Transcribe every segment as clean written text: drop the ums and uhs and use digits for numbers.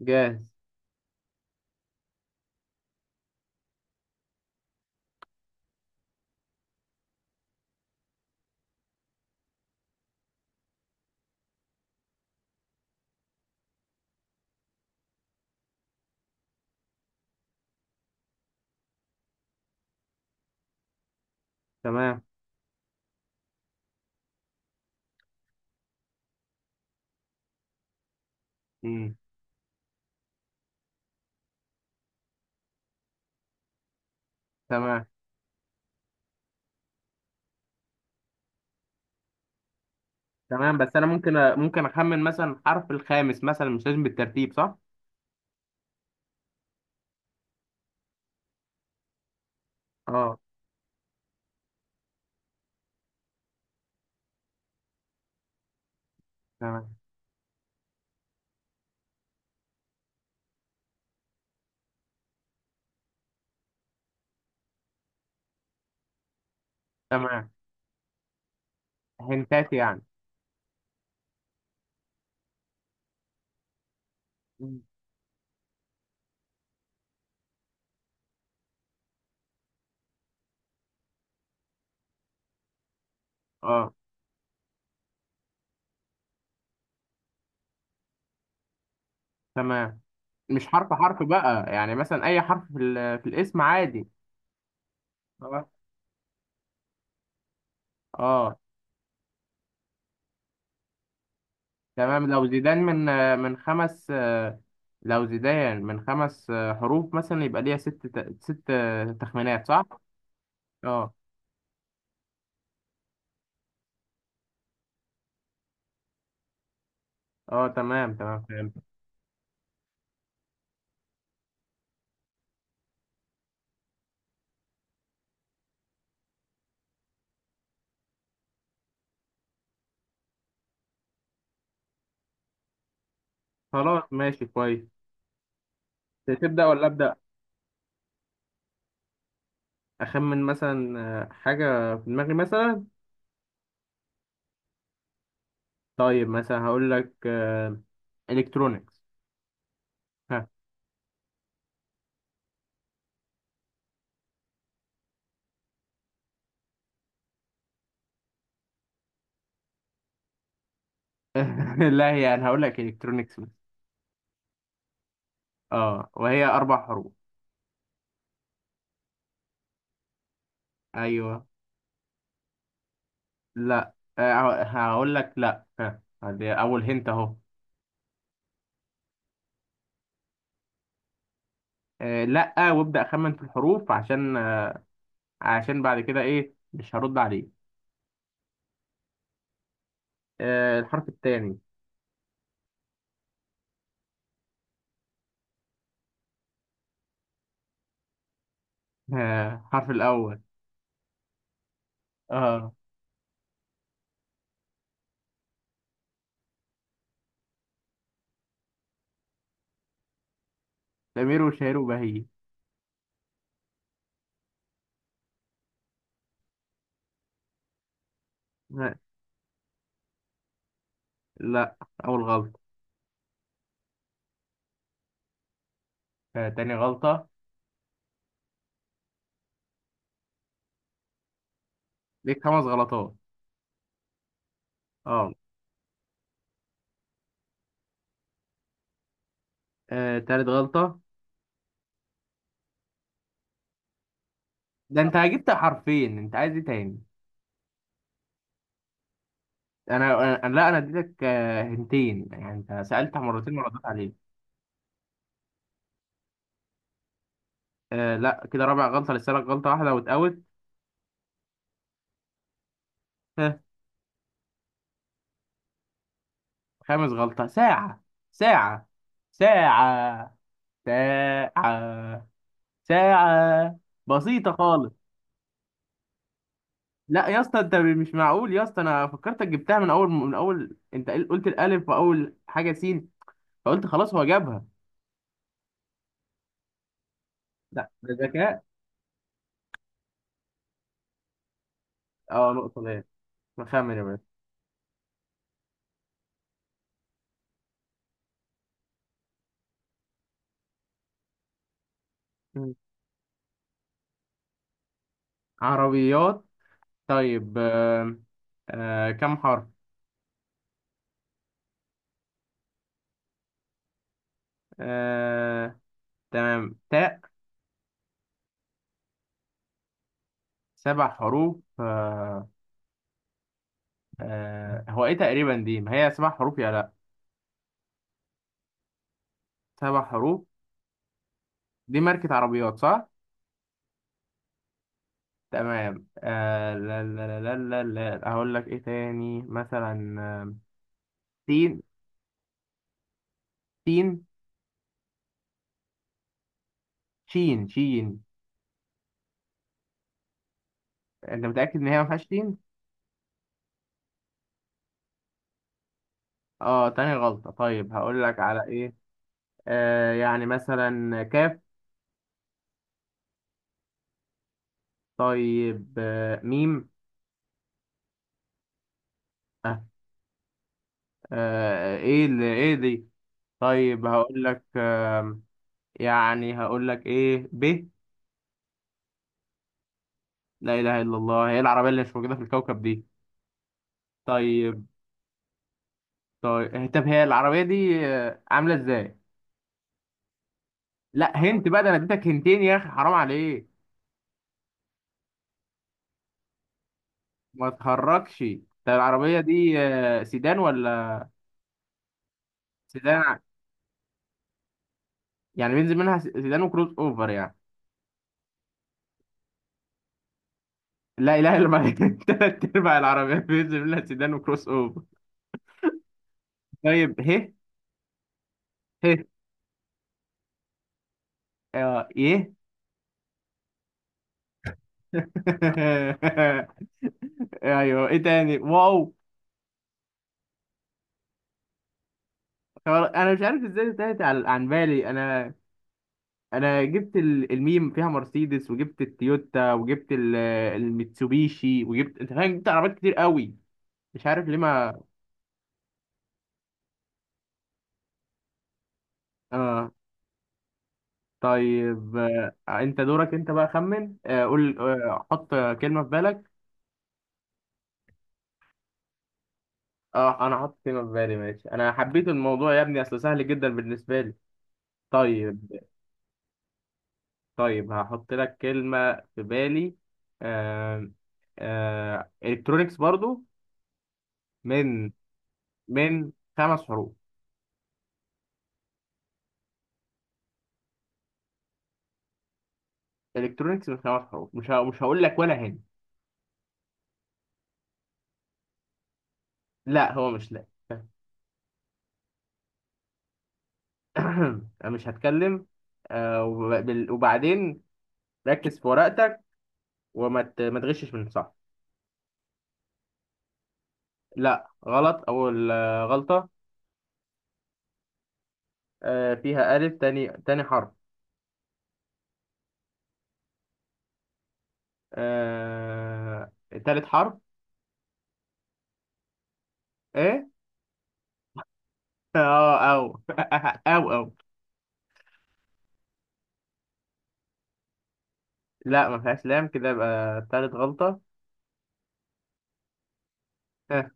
جاهز. تمام. مم. تمام. تمام، بس انا ممكن ممكن اخمن مثلا الحرف الخامس، مثلا مش لازم بالترتيب صح؟ اه تمام. تمام، هنتات يعني. مم. اه تمام. مش حرف حرف بقى، يعني مثلا اي حرف في الاسم عادي. اه. اه تمام. لو زيدان من خمس، لو زيدان من خمس حروف مثلا، يبقى ليها ست ست تخمينات صح؟ اه. اه تمام. تمام فهمت. خلاص ماشي كويس. تبدأ ولا أبدأ؟ اخمن مثلا حاجه في دماغي مثلا. طيب مثلا هقول لك الكترونكس. ها. لا، هي انا هقول لك الكترونكس مثلا. اه، وهي اربع حروف. ايوه. لا، هقول لك لا. ها، دي اول هنت اهو. لا وابدا اخمن في الحروف، عشان عشان بعد كده ايه، مش هرد عليه. الحرف الثاني. الحرف الاول. اه. سمير وشهير وبهية. آه، لا، اول غلطه. تاني غلطه. ليك خمس غلطات. اه. تالت غلطة. ده انت جبت حرفين، انت عايز ايه تاني؟ انا انا لا، انا اديتك هنتين يعني، انت سألت مرتين ما ردت عليك. آه لا، كده رابع غلطة، لسه لك غلطة واحدة وتقوت. ها. خامس غلطة. ساعة. ساعة. ساعة. ساعة. ساعة. بسيطة خالص. لا يا اسطى، انت مش معقول يا اسطى، انا فكرتك جبتها من اول، انت قلت الالف واول حاجة سين، فقلت خلاص هو جابها. لا، ده ذكاء. اه، نقطة ليه. نخمن يا باشا. مم. عربيات. طيب آه. آه كم حرف؟ آه تمام، تاء. سبع حروف آه. آه، هو ايه تقريبا دي، ما هي سبع حروف يا لا؟ سبع حروف. دي ماركة عربيات صح؟ تمام آه. لا لا لا لا لا لا. اقول لك ايه تاني، مثلا تين. تين. شين. شين. انت متأكد ان هي ما فيهاش تين؟ اه، تاني غلطة. طيب هقول لك على ايه، يعني مثلا كاف. طيب آه، ميم. آه، ايه اللي ايه دي؟ طيب هقول لك يعني هقول لك ايه، ب. لا اله الا الله، هي العربيه اللي مش موجوده في الكوكب دي. طيب. طيب طب هي العربيه دي عامله ازاي؟ لا، هنت بقى، ده انا اديتك هنتين يا اخي، حرام عليك. ما تهركش. طب العربيه دي سيدان ولا؟ سيدان ع- يعني بينزل منها سيدان وكروس اوفر يعني. لا اله الا الله. تلات ارباع العربيات بينزل منها سيدان وكروس اوفر. طيب ه. ه. اه، يه. ايوه، ايه تاني، واو. انا مش عارف ازاي انتهت عن بالي انا. انا جبت الميم فيها مرسيدس، وجبت التويوتا، وجبت الميتسوبيشي، وجبت، انت فاهم، جبت عربيات كتير قوي، مش عارف ليه ما. اه. طيب انت دورك انت بقى، خمن، قول، حط كلمة في بالك. اه، انا حط كلمة في بالي، ماشي، انا حبيت الموضوع يا ابني، اصل سهل جدا بالنسبة لي. طيب. طيب هحط لك كلمة في بالي. آه. آه، الكترونيكس برضو. من من خمس حروف. الكترونيكس من خمس حروف، مش هقول لك ولا هنا. لا، هو مش لا. أنا مش هتكلم. آه وبعدين ركز في ورقتك، ما تغشش من صح. لا غلط، اول غلطة. آه فيها ألف، تاني تاني حرف. آه، تالت حرف. ايه؟ اه، او. او او. لا ما فيهاش لام، كده يبقى تالت غلطة. ها.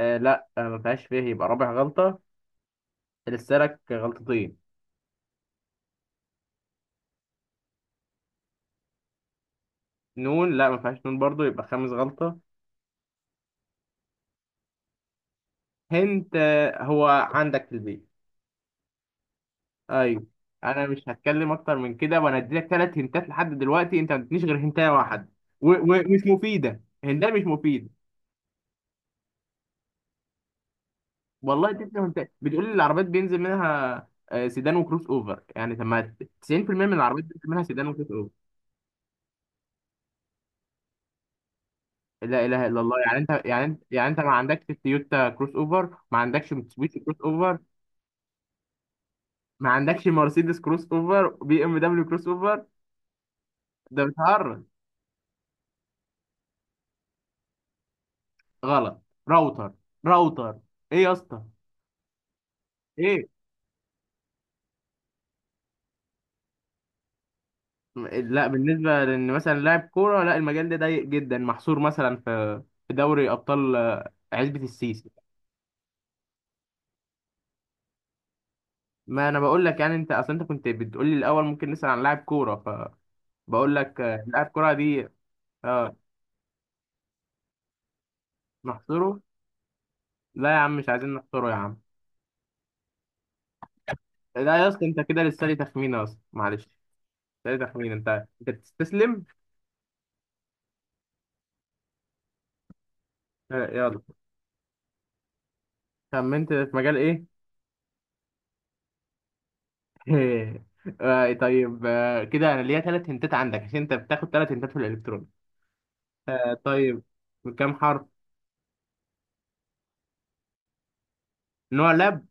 آه لا، آه ما فيهاش فيه، يبقى رابع غلطة، لسه لك غلطتين. نون. لا ما فيهاش نون برضو، يبقى خامس غلطة. هنت آه، هو عندك في البيت؟ أيوه. أنا مش هتكلم أكتر من كده، وأنا أديلك تلات هنتات، لحد دلوقتي أنت ما ادتنيش غير هنتاية واحد، ومش مفيدة، هنتاية مش مفيدة. والله اديتني هنتاية بتقول لي العربيات بينزل منها سيدان وكروس أوفر، يعني طب ما 90% من العربيات بينزل منها سيدان وكروس. لا اله الا الله، يعني انت ما عندكش تويوتا كروس اوفر، ما عندكش موتسوبيشي كروس اوفر، ما عندكش مرسيدس كروس اوفر، بي ام دبليو كروس اوفر، ده بتهرج. غلط. راوتر. راوتر. ايه يا اسطى؟ ايه؟ لا، بالنسبه لان مثلا لاعب كوره، لا المجال ده ضيق جدا، محصور مثلا في دوري ابطال عزبه السيسي. ما انا بقول لك، يعني انت كنت بتقول لي الاول ممكن نسال عن لاعب كوره، فبقول لك لاعب كوره دي. اه. نحصره؟ لا يا عم، مش عايزين نحصره يا عم. لا يا اسطى، انت كده لسه لي تخمينه يا اسطى، معلش، لسه لي تخمينه، انت بتستسلم. يلا. خمنت في مجال ايه؟ طيب، كده انا ليا ثلاث هنتات عندك عشان انت بتاخد ثلاث هنتات في الالكترون. طيب. بكام حرف؟ نوع لاب.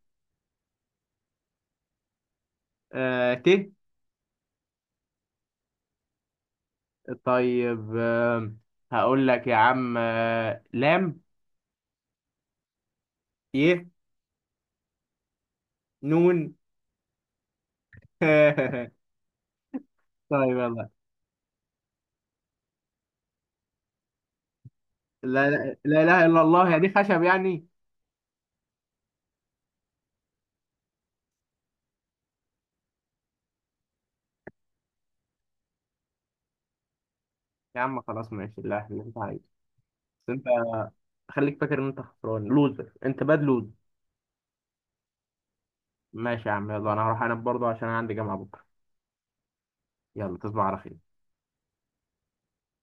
آه، ت. طيب آه. هقول لك يا عم، آه، لام. ي. نون. طيب يلا. لا لا، لا اله الا الله، هي دي خشب يعني. يا عم خلاص ماشي، لا اللي انت عايزه، بس انت خليك فاكر ان انت خسران، لوزر، انت باد لوز. ماشي يا عم، يلا انا هروح انام برضه عشان انا عندي جامعة بكرة. يلا تصبح على خير.